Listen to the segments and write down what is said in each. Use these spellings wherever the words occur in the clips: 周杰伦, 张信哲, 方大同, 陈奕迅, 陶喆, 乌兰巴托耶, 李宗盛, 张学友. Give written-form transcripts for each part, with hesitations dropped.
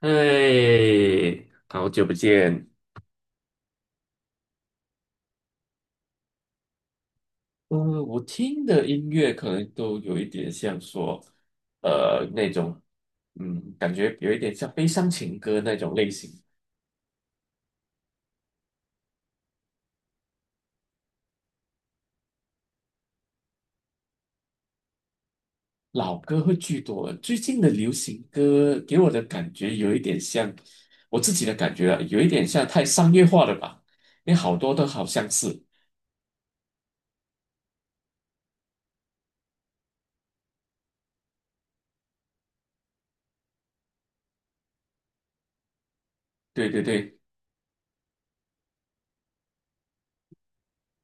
哎，好久不见。嗯，我听的音乐可能都有一点像说，呃，那种，嗯，感觉有一点像悲伤情歌那种类型，老歌会居多。最近的流行歌给我的感觉有一点像，我自己的感觉啊，有一点像太商业化了吧？因为好多都好像是，对对对。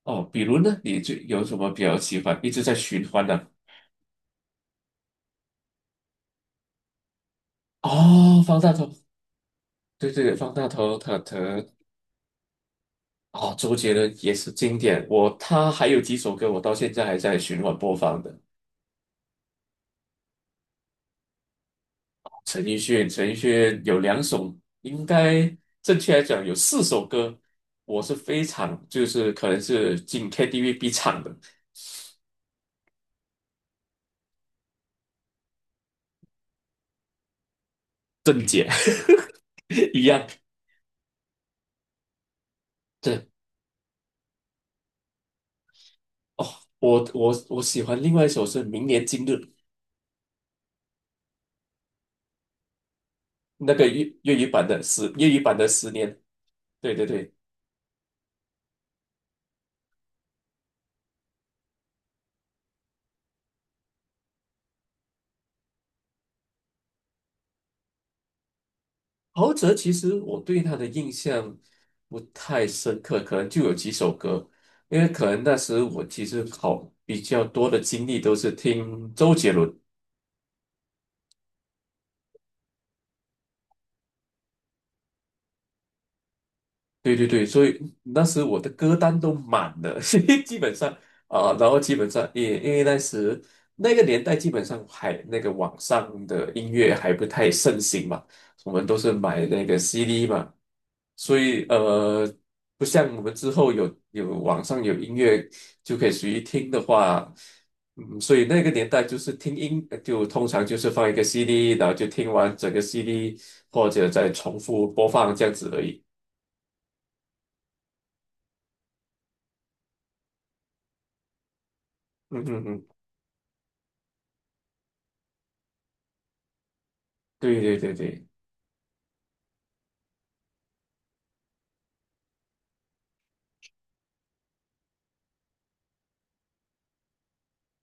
哦，比如呢，你最有什么比较喜欢，一直在循环的？哦，方大同，对对对，方大同，他。哦，周杰伦也是经典，我他还有几首歌我到现在还在循环播放的。陈奕迅有两首，应该正确来讲有四首歌，我是非常就是可能是进 KTV 必唱的，正解 一样。对。哦，我喜欢另外一首是《明年今日》，那个粤语版的《十年》，对对对。陶喆其实我对他的印象不太深刻，可能就有几首歌，因为可能那时我其实好比较多的精力都是听周杰伦。对对对，所以那时我的歌单都满了，所以基本上基本上也因为那时那个年代基本上还那个网上的音乐还不太盛行嘛，我们都是买那个 CD 嘛，所以不像我们之后有网上有音乐就可以随意听的话，所以那个年代就是听音就通常就是放一个 CD，然后就听完整个 CD 或者再重复播放这样子而已。嗯嗯嗯。对对对对，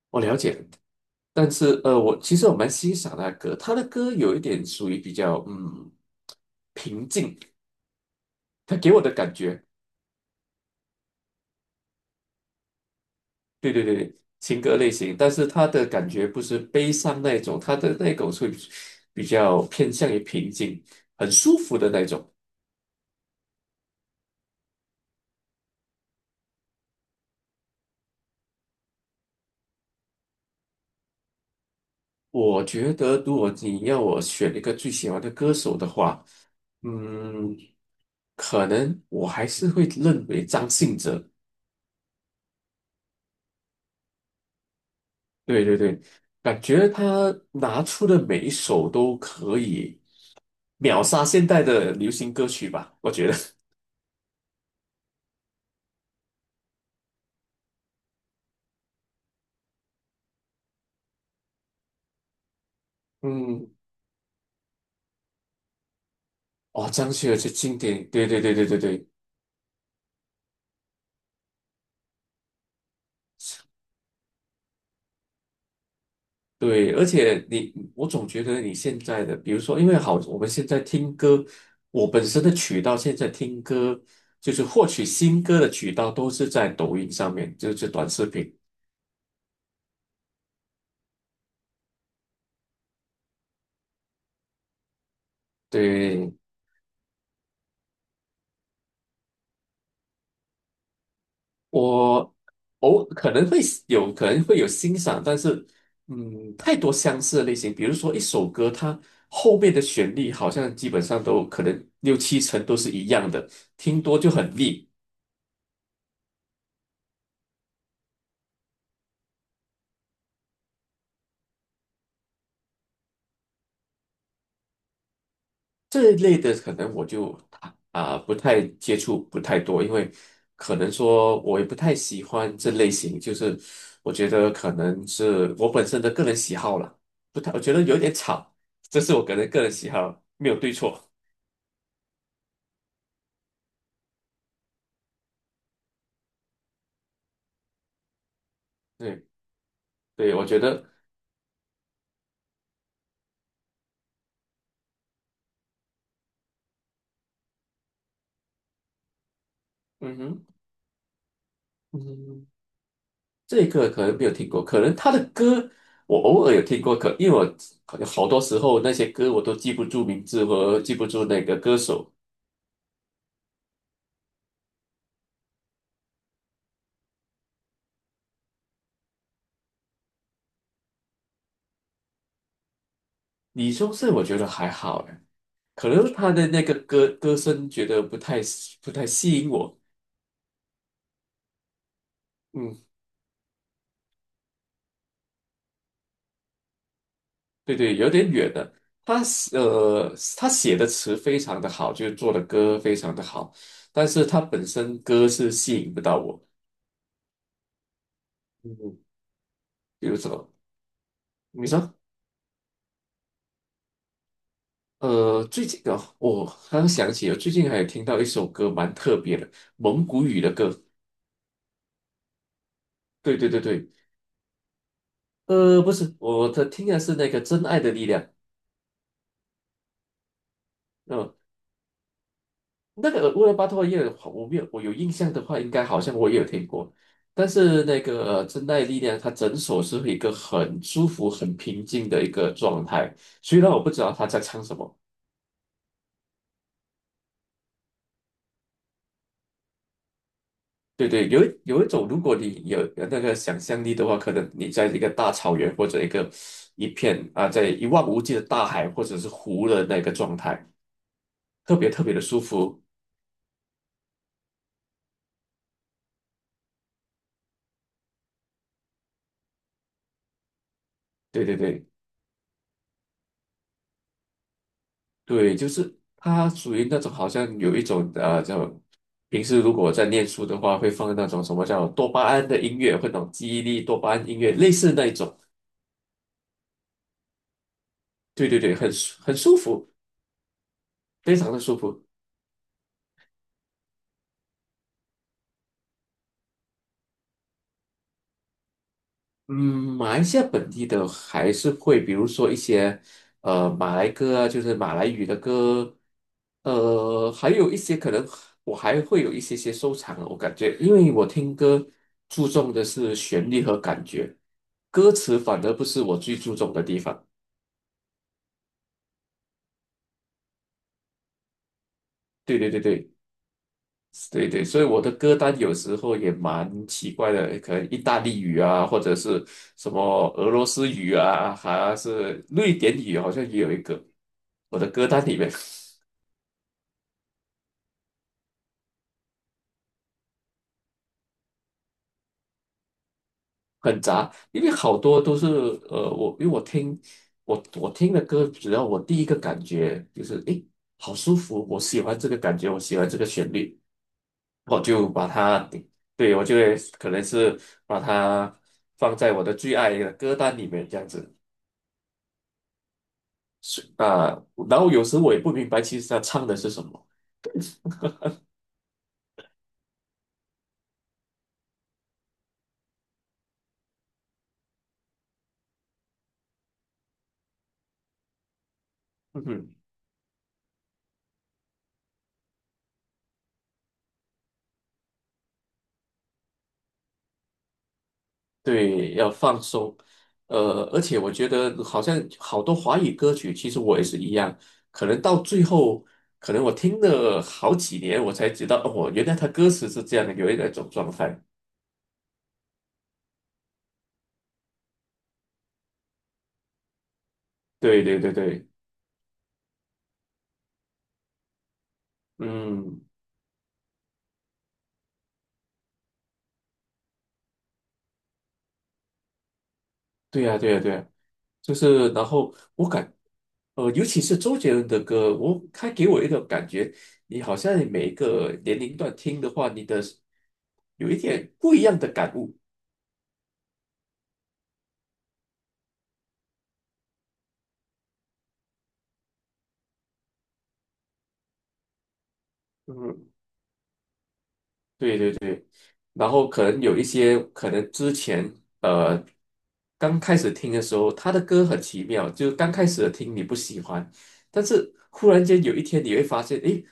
我了解。但是我其实我蛮欣赏他的歌，他的歌有一点属于比较平静，他给我的感觉，对对对对，情歌类型，但是他的感觉不是悲伤那一种，他的那种是比较偏向于平静，很舒服的那种。我觉得如果你要我选一个最喜欢的歌手的话，嗯，可能我还是会认为张信哲。对对对，感觉他拿出的每一首都可以秒杀现代的流行歌曲吧，我觉得。嗯。哦，张学友是经典，对对对对对对。对，而且你，我总觉得你现在的，比如说，因为好，我们现在听歌，我本身的渠道现在听歌，就是获取新歌的渠道都是在抖音上面，就是短视频。对，我可能会可能会有欣赏，但是太多相似的类型，比如说一首歌，它后面的旋律好像基本上都可能六七成都是一样的，听多就很腻。这一类的可能我就不太接触，不太多，因为可能说我也不太喜欢这类型，就是我觉得可能是我本身的个人喜好了，不太，我觉得有点吵，这是我个人个人喜好，没有对错。对。对，我觉得，嗯哼。嗯，这个可能没有听过，可能他的歌我偶尔有听过，可因为我好多时候那些歌我都记不住名字和记不住那个歌手。李宗盛我觉得还好，哎，可能他的那个歌声觉得不太吸引我。嗯，对对，有点远了。他是他写的词非常的好，就是做的歌非常的好，但是他本身歌是吸引不到我。嗯。比如说你说？最近的我刚想起了，最近还有听到一首歌蛮特别的，蒙古语的歌。对对对对。不是，我的听的是那个《真爱的力量》。呃，那个乌兰巴托耶，我没有，我有印象的话，应该好像我也有听过。但是那个《真爱的力量》，它整首是一个很舒服、很平静的一个状态。虽然我不知道他在唱什么。对对，有一种，如果你有那个想象力的话，可能你在一个大草原或者一片啊，在一望无际的大海或者是湖的那个状态，特别特别的舒服。对对对对，就是它属于那种好像有一种叫平时如果在念书的话，会放那种什么叫多巴胺的音乐，会者那种记忆力多巴胺音乐，类似那一种。对对对，很舒服，非常的舒服。嗯，马来西亚本地的还是会，比如说一些马来歌啊，就是马来语的歌，还有一些可能我还会有一些些收藏啊，我感觉，因为我听歌注重的是旋律和感觉，歌词反而不是我最注重的地方。对对对对。对对，所以我的歌单有时候也蛮奇怪的，可能意大利语啊，或者是什么俄罗斯语啊，还是瑞典语，好像也有一个。我的歌单里面很杂，因为好多都是我因为我听的歌，只要我第一个感觉就是诶，好舒服，我喜欢这个感觉，我喜欢这个旋律，我就把它对，我就会可能是把它放在我的最爱的歌单里面这样子。所以啊，然后有时我也不明白，其实他唱的是什么。嗯哼。对，要放松。而且我觉得好像好多华语歌曲，其实我也是一样，可能到最后，可能我听了好几年，我才知道，哦，原来他歌词是这样的，有一种状态。对对对对。嗯，对呀对呀对呀。就是然后我感，尤其是周杰伦的歌，我他给我一种感觉，你好像每一个年龄段听的话，你的有一点不一样的感悟。嗯，对对对。然后可能有一些，可能之前呃刚开始听的时候，他的歌很奇妙，就是刚开始听你不喜欢，但是忽然间有一天你会发现，诶，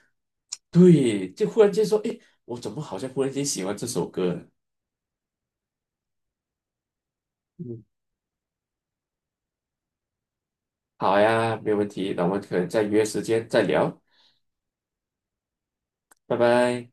对，就忽然间说，诶，我怎么好像忽然间喜欢这首歌了？好呀，没有问题，那我们可能再约时间再聊，拜拜。